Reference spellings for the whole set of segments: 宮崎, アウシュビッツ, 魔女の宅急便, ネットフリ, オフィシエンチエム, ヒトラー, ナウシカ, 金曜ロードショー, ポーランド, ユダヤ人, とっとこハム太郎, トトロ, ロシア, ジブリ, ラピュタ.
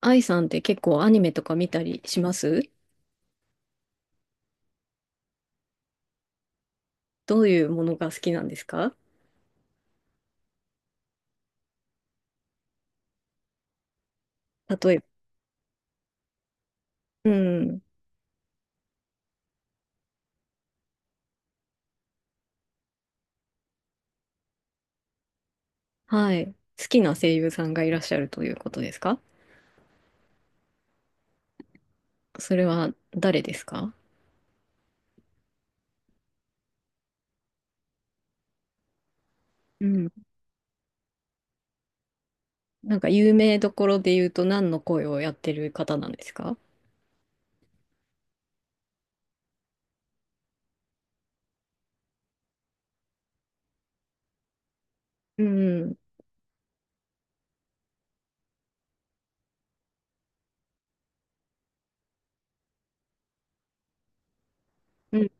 愛さんって結構アニメとか見たりします？どういうものが好きなんですか？例えば。うん。はい。好きな声優さんがいらっしゃるということですか？それは誰ですか？うん。なんか有名どころで言うと何の声をやってる方なんですか？うん。うん。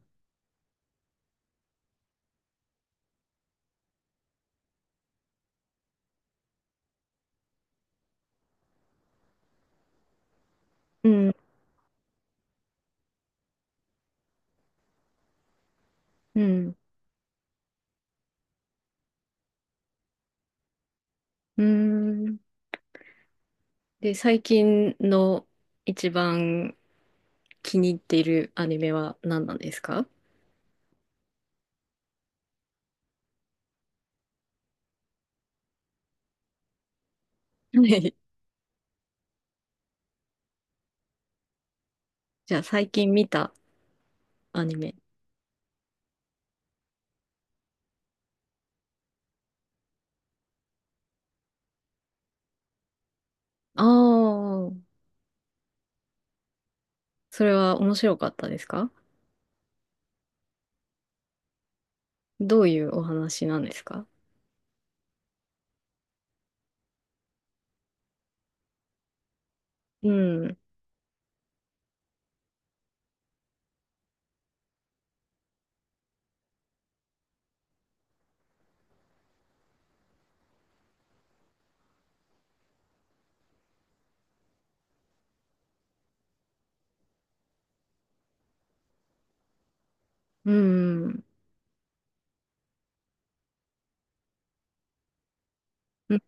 うん。うん。うん。で、最近の一番気に入っているアニメは何なんですか？はい。じゃあ最近見たアニメ。ああ。それは面白かったですか？どういうお話なんですか？うん。うん。うん。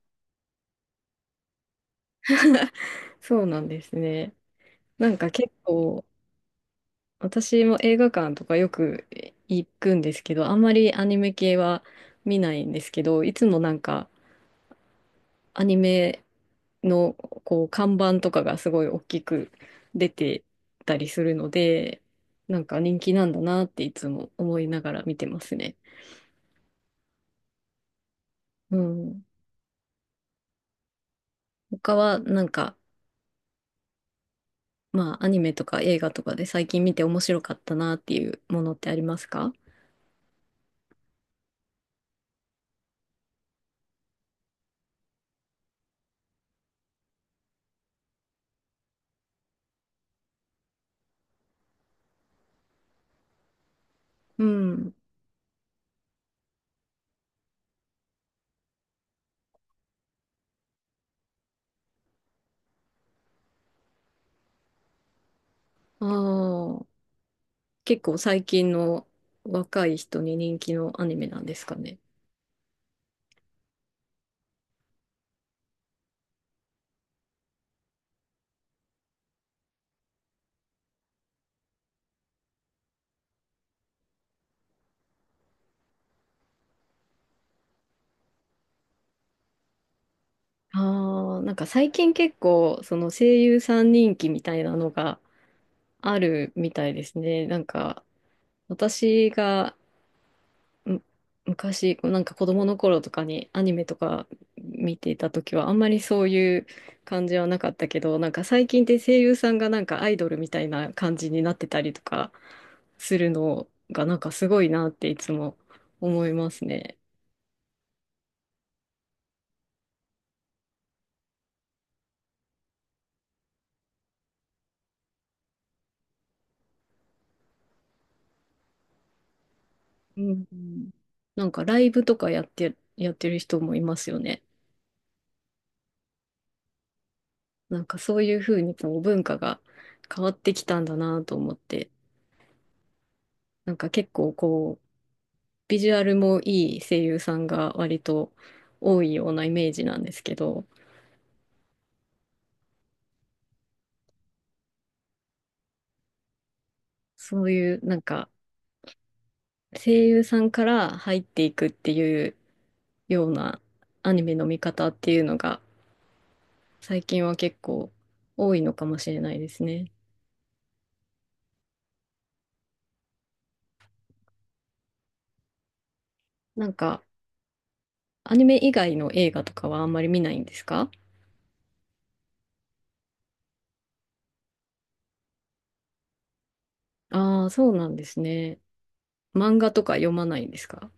そうなんですね。なんか結構、私も映画館とかよく行くんですけど、あんまりアニメ系は見ないんですけど、いつもなんかアニメのこう看板とかがすごい大きく出てたりするので、なんか人気なんだなっていつも思いながら見てますね。うん。他はなんかまあ、アニメとか映画とかで最近見て面白かったなっていうものってありますか？うん。ああ、結構最近の若い人に人気のアニメなんですかね。ああ、なんか最近結構、その声優さん人気みたいなのがあるみたいですね。なんか、私がむ昔、こうなんか子供の頃とかにアニメとか見ていた時はあんまりそういう感じはなかったけど、なんか最近って声優さんがなんかアイドルみたいな感じになってたりとかするのがなんかすごいなっていつも思いますね。うん。なんかライブとかやってる人もいますよね。なんかそういうふうにこう文化が変わってきたんだなと思って、なんか結構こう、ビジュアルもいい声優さんが割と多いようなイメージなんですけど、そういうなんか声優さんから入っていくっていうようなアニメの見方っていうのが最近は結構多いのかもしれないですね。なんかアニメ以外の映画とかはあんまり見ないんですか？ああー、そうなんですね。漫画とか読まないんですか？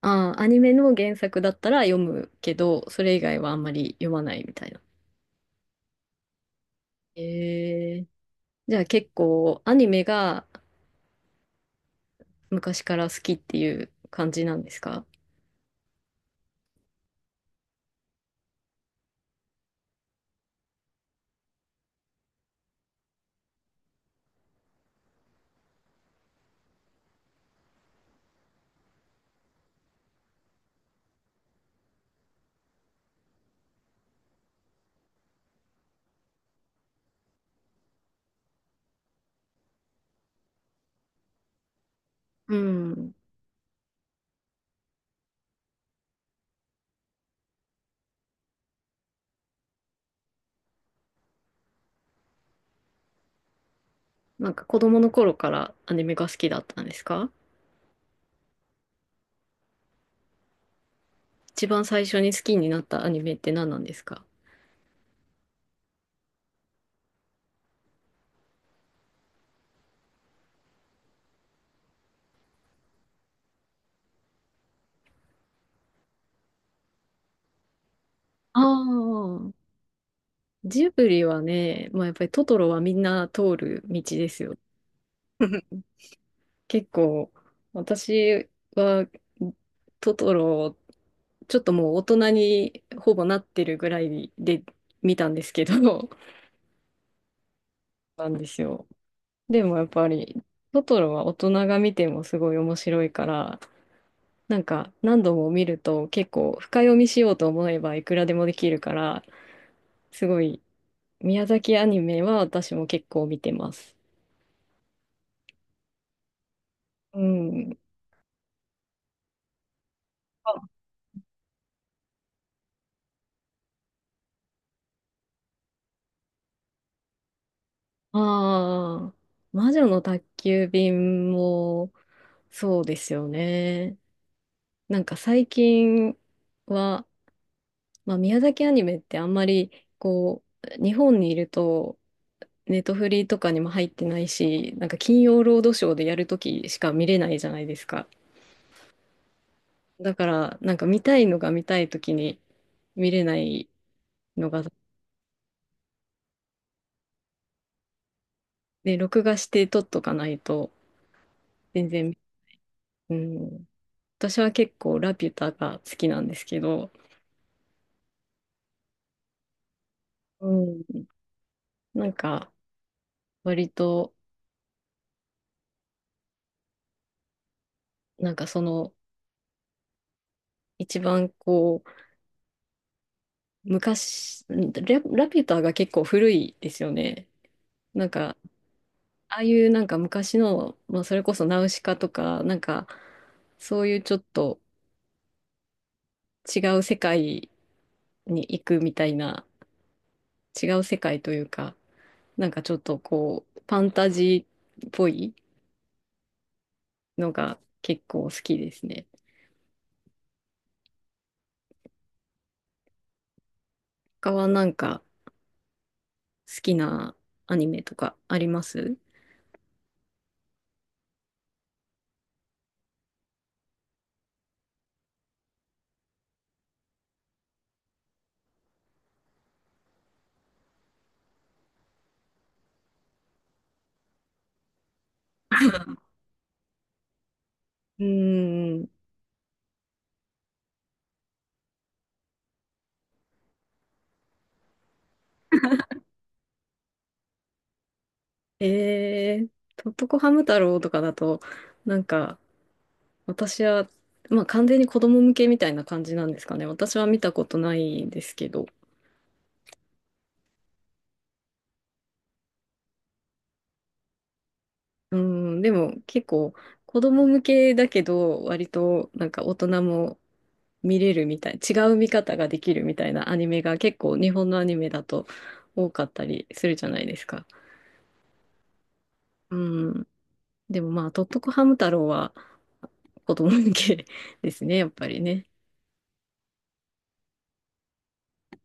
ああー、アニメの原作だったら読むけど、それ以外はあんまり読まないみたいな。えーじゃあ結構アニメが昔から好きっていう感じなんですか？うん。なんか子供の頃からアニメが好きだったんですか？一番最初に好きになったアニメって何なんですか？ああ、ジブリはね、まあやっぱりトトロはみんな通る道ですよ。結構私はトトロちょっともう大人にほぼなってるぐらいで見たんですけど、なんですよ。でもやっぱり、トトロは大人が見てもすごい面白いから、なんか何度も見ると結構深読みしようと思えばいくらでもできるから、すごい宮崎アニメは私も結構見てます。うん。ああー、魔女の宅急便もそうですよね。なんか最近は、まあ、宮崎アニメってあんまりこう、日本にいるとネットフリとかにも入ってないし、なんか金曜ロードショーでやるときしか見れないじゃないですか。だから、なんか見たいのが見たいときに見れないのが、で、録画して撮っとかないと、全然、うん、私は結構ラピュタが好きなんですけど、うん、なんか割と、なんかその、一番こう、昔、ラピュタが結構古いですよね。なんか、ああいうなんか昔の、まあ、それこそナウシカとか、なんかそういうちょっと違う世界に行くみたいな、違う世界というか、なんかちょっとこう、ファンタジーっぽいのが結構好きですね。他はなんか好きなアニメとかあります？うーん。えー、とっとこハム太郎とかだと、なんか、私は、まあ完全に子供向けみたいな感じなんですかね。私は見たことないですけど。うん、でも結構子供向けだけど、割となんか大人も見れるみたい、違う見方ができるみたいなアニメが結構日本のアニメだと多かったりするじゃないですか。うん、でもまあ、とっとこハム太郎は子供向け ですね、やっぱりね。